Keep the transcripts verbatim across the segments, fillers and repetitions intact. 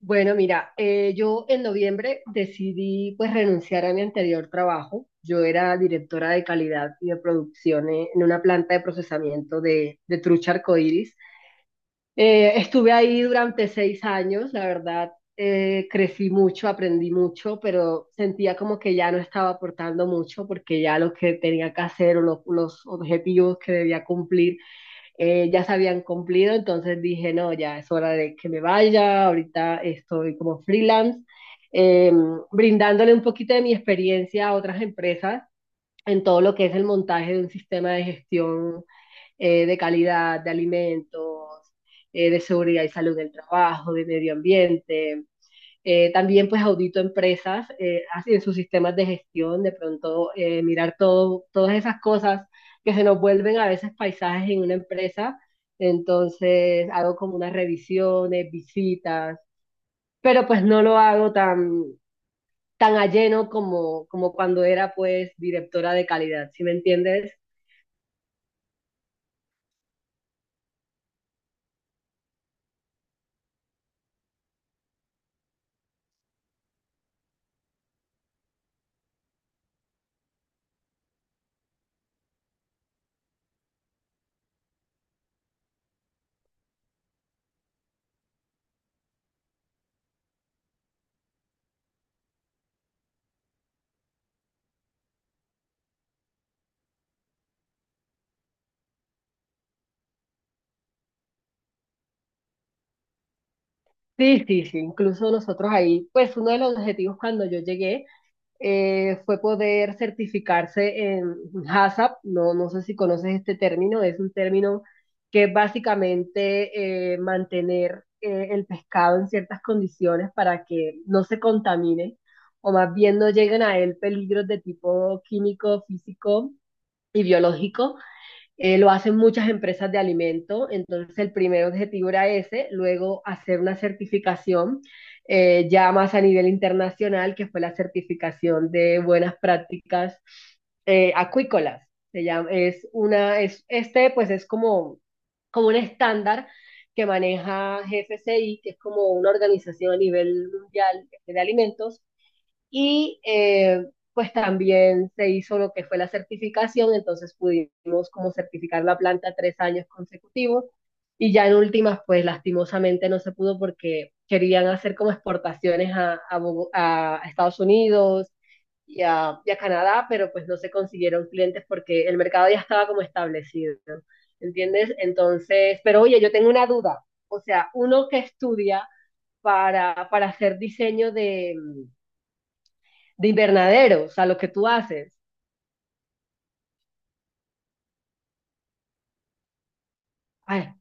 Bueno, mira, eh, yo en noviembre decidí pues renunciar a mi anterior trabajo. Yo era directora de calidad y de producción eh, en una planta de procesamiento de, de trucha arcoíris. Eh, estuve ahí durante seis años, la verdad, eh, crecí mucho, aprendí mucho, pero sentía como que ya no estaba aportando mucho porque ya lo que tenía que hacer o lo- los objetivos que debía cumplir eh, ya se habían cumplido, entonces dije, no, ya es hora de que me vaya, ahorita estoy como freelance, eh, brindándole un poquito de mi experiencia a otras empresas en todo lo que es el montaje de un sistema de gestión eh, de calidad de alimentos, eh, de seguridad y salud del trabajo, de medio ambiente, eh, también pues audito empresas eh, en sus sistemas de gestión, de pronto eh, mirar todo, todas esas cosas que se nos vuelven a veces paisajes en una empresa. Entonces hago como unas revisiones, visitas, pero pues no lo hago tan, tan a lleno como, como cuando era pues directora de calidad, ¿sí me entiendes? Sí, sí, sí, incluso nosotros ahí, pues uno de los objetivos cuando yo llegué eh, fue poder certificarse en H A C C P. No, no sé si conoces este término, es un término que es básicamente eh, mantener eh, el pescado en ciertas condiciones para que no se contamine o más bien no lleguen a él peligros de tipo químico, físico y biológico. Eh, lo hacen muchas empresas de alimento, entonces el primer objetivo era ese, luego hacer una certificación eh, ya más a nivel internacional, que fue la certificación de buenas prácticas eh, acuícolas. Se llama, es una, es, este pues es como, como un estándar que maneja G F C I, que es como una organización a nivel mundial de alimentos, y eh, pues también se hizo lo que fue la certificación, entonces pudimos como certificar la planta tres años consecutivos y ya en últimas pues lastimosamente no se pudo porque querían hacer como exportaciones a, a, Bogo- a Estados Unidos y a, y a Canadá, pero pues no se consiguieron clientes porque el mercado ya estaba como establecido, ¿entiendes? Entonces, pero oye, yo tengo una duda, o sea, uno que estudia para, para hacer diseño de, de invernadero, o sea, lo que tú haces. Ay,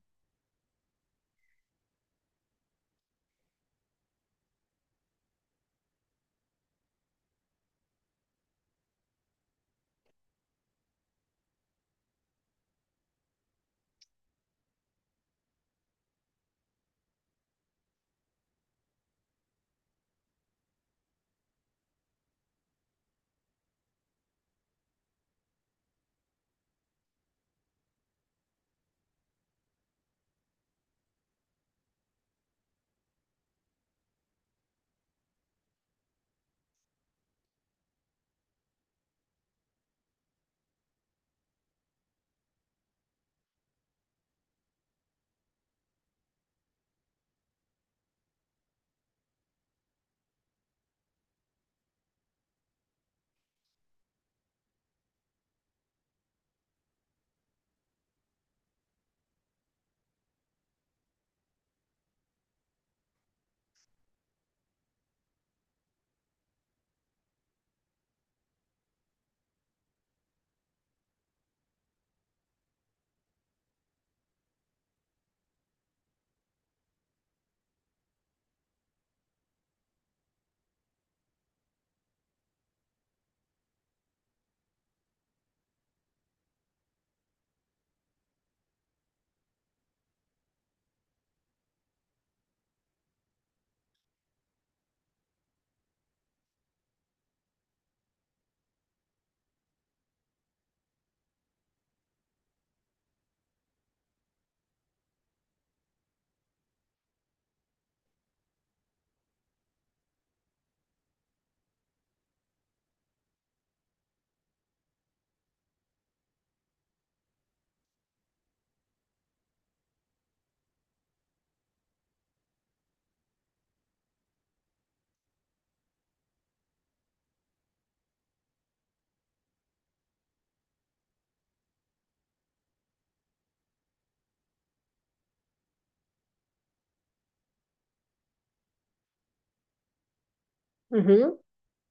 ujú.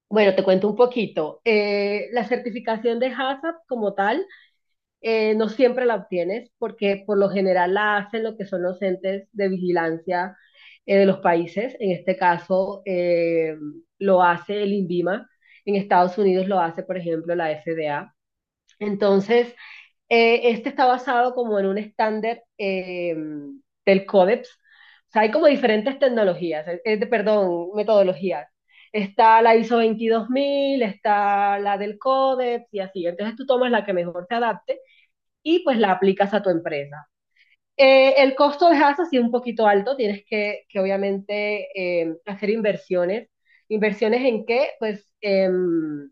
Bueno, te cuento un poquito. Eh, la certificación de H A C C P como tal eh, no siempre la obtienes porque por lo general la hacen lo que son los entes de vigilancia eh, de los países. En este caso eh, lo hace el INVIMA. En Estados Unidos lo hace, por ejemplo, la F D A. Entonces, Eh, este está basado como en un estándar eh, del Codex. O sea, hay como diferentes tecnologías, eh, eh, perdón, metodologías. Está la I S O veintidós mil, está la del Codex y así. Entonces tú tomas la que mejor te adapte y pues la aplicas a tu empresa. Eh, el costo es así un poquito alto, tienes que, que obviamente eh, hacer inversiones. ¿Inversiones en qué? Pues em,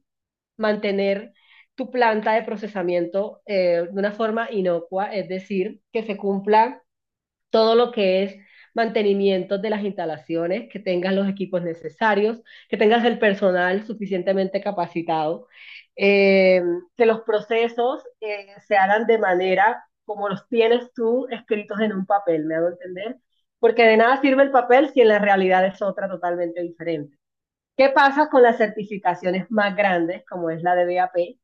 mantener tu planta de procesamiento eh, de una forma inocua, es decir, que se cumpla todo lo que es mantenimiento de las instalaciones, que tengas los equipos necesarios, que tengas el personal suficientemente capacitado, eh, que los procesos eh, se hagan de manera como los tienes tú escritos en un papel, ¿me hago entender? Porque de nada sirve el papel si en la realidad es otra totalmente diferente. ¿Qué pasa con las certificaciones más grandes, como es la de B A P?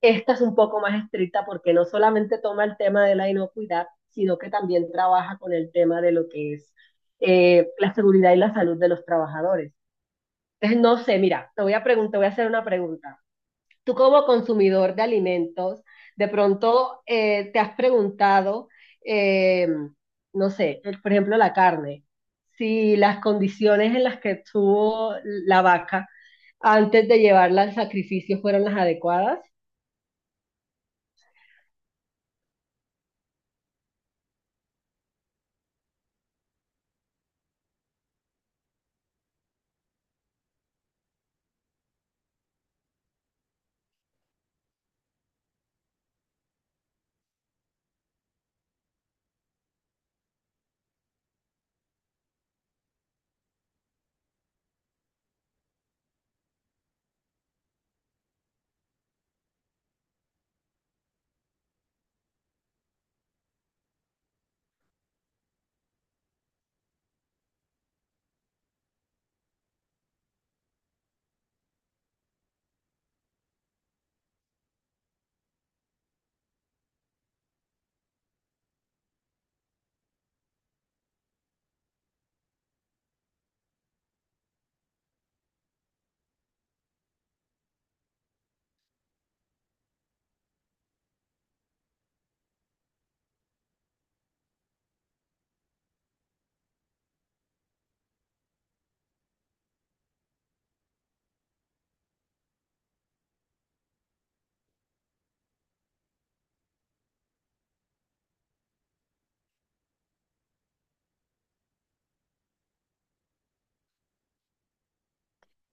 Esta es un poco más estricta porque no solamente toma el tema de la inocuidad, sino que también trabaja con el tema de lo que es eh, la seguridad y la salud de los trabajadores. Entonces, no sé, mira, te voy a preguntar, voy a hacer una pregunta. Tú como consumidor de alimentos, de pronto eh, te has preguntado, eh, no sé, el- por ejemplo, la carne, si las condiciones en las que estuvo la vaca antes de llevarla al sacrificio fueron las adecuadas.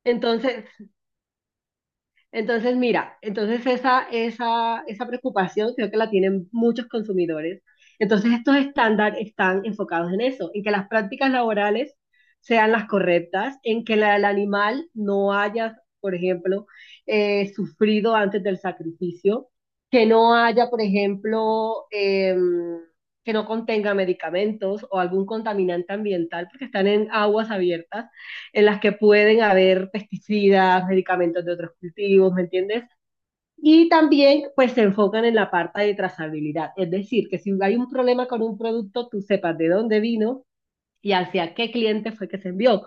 Entonces, entonces, mira, entonces esa, esa, esa preocupación creo que la tienen muchos consumidores. Entonces, estos estándares están enfocados en eso, en que las prácticas laborales sean las correctas, en que la- el animal no haya, por ejemplo, eh, sufrido antes del sacrificio, que no haya, por ejemplo, em, que no contenga medicamentos o algún contaminante ambiental, porque están en aguas abiertas en las que pueden haber pesticidas, medicamentos de otros cultivos, ¿me entiendes? Y también pues se enfocan en la parte de trazabilidad, es decir, que si hay un problema con un producto, tú sepas de dónde vino y hacia qué cliente fue que se envió.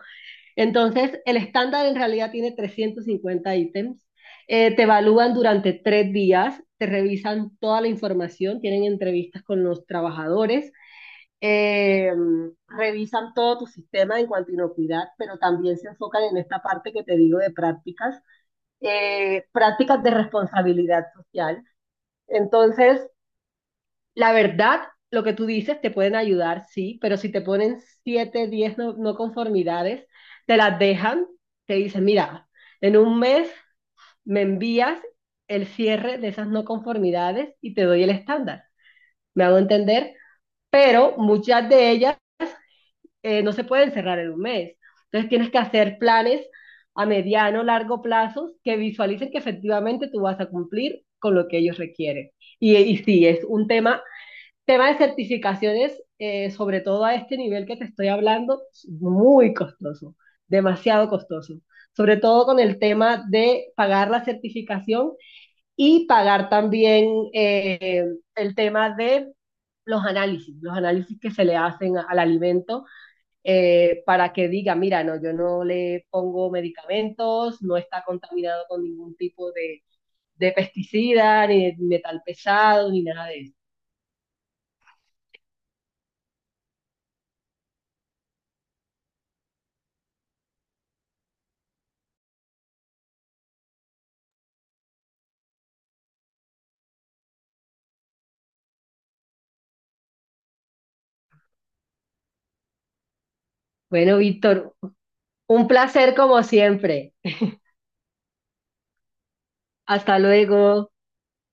Entonces, el estándar en realidad tiene trescientos cincuenta ítems, eh, te evalúan durante tres días, te revisan toda la información, tienen entrevistas con los trabajadores eh, revisan todo tu sistema en cuanto a inocuidad, pero también se enfocan en esta parte que te digo de prácticas, eh, prácticas de responsabilidad social. Entonces, la verdad, lo que tú dices te pueden ayudar, sí, pero si te ponen siete, diez no, no conformidades, te las dejan, te dicen, mira, en un mes me envías el cierre de esas no conformidades y te doy el estándar. ¿Me hago entender? Pero muchas de ellas eh, no se pueden cerrar en un mes. Entonces tienes que hacer planes a mediano, largo plazo que visualicen que efectivamente tú vas a cumplir con lo que ellos requieren. Y, y sí, es un tema, tema de certificaciones, eh, sobre todo a este nivel que te estoy hablando, muy costoso, demasiado costoso. Sobre todo con el tema de pagar la certificación y pagar también eh, el tema de los análisis, los análisis que se le hacen al alimento eh, para que diga, mira, no, yo no le pongo medicamentos, no está contaminado con ningún tipo de, de pesticida, ni de metal pesado, ni nada de eso. Bueno, Víctor, un placer como siempre. Hasta luego.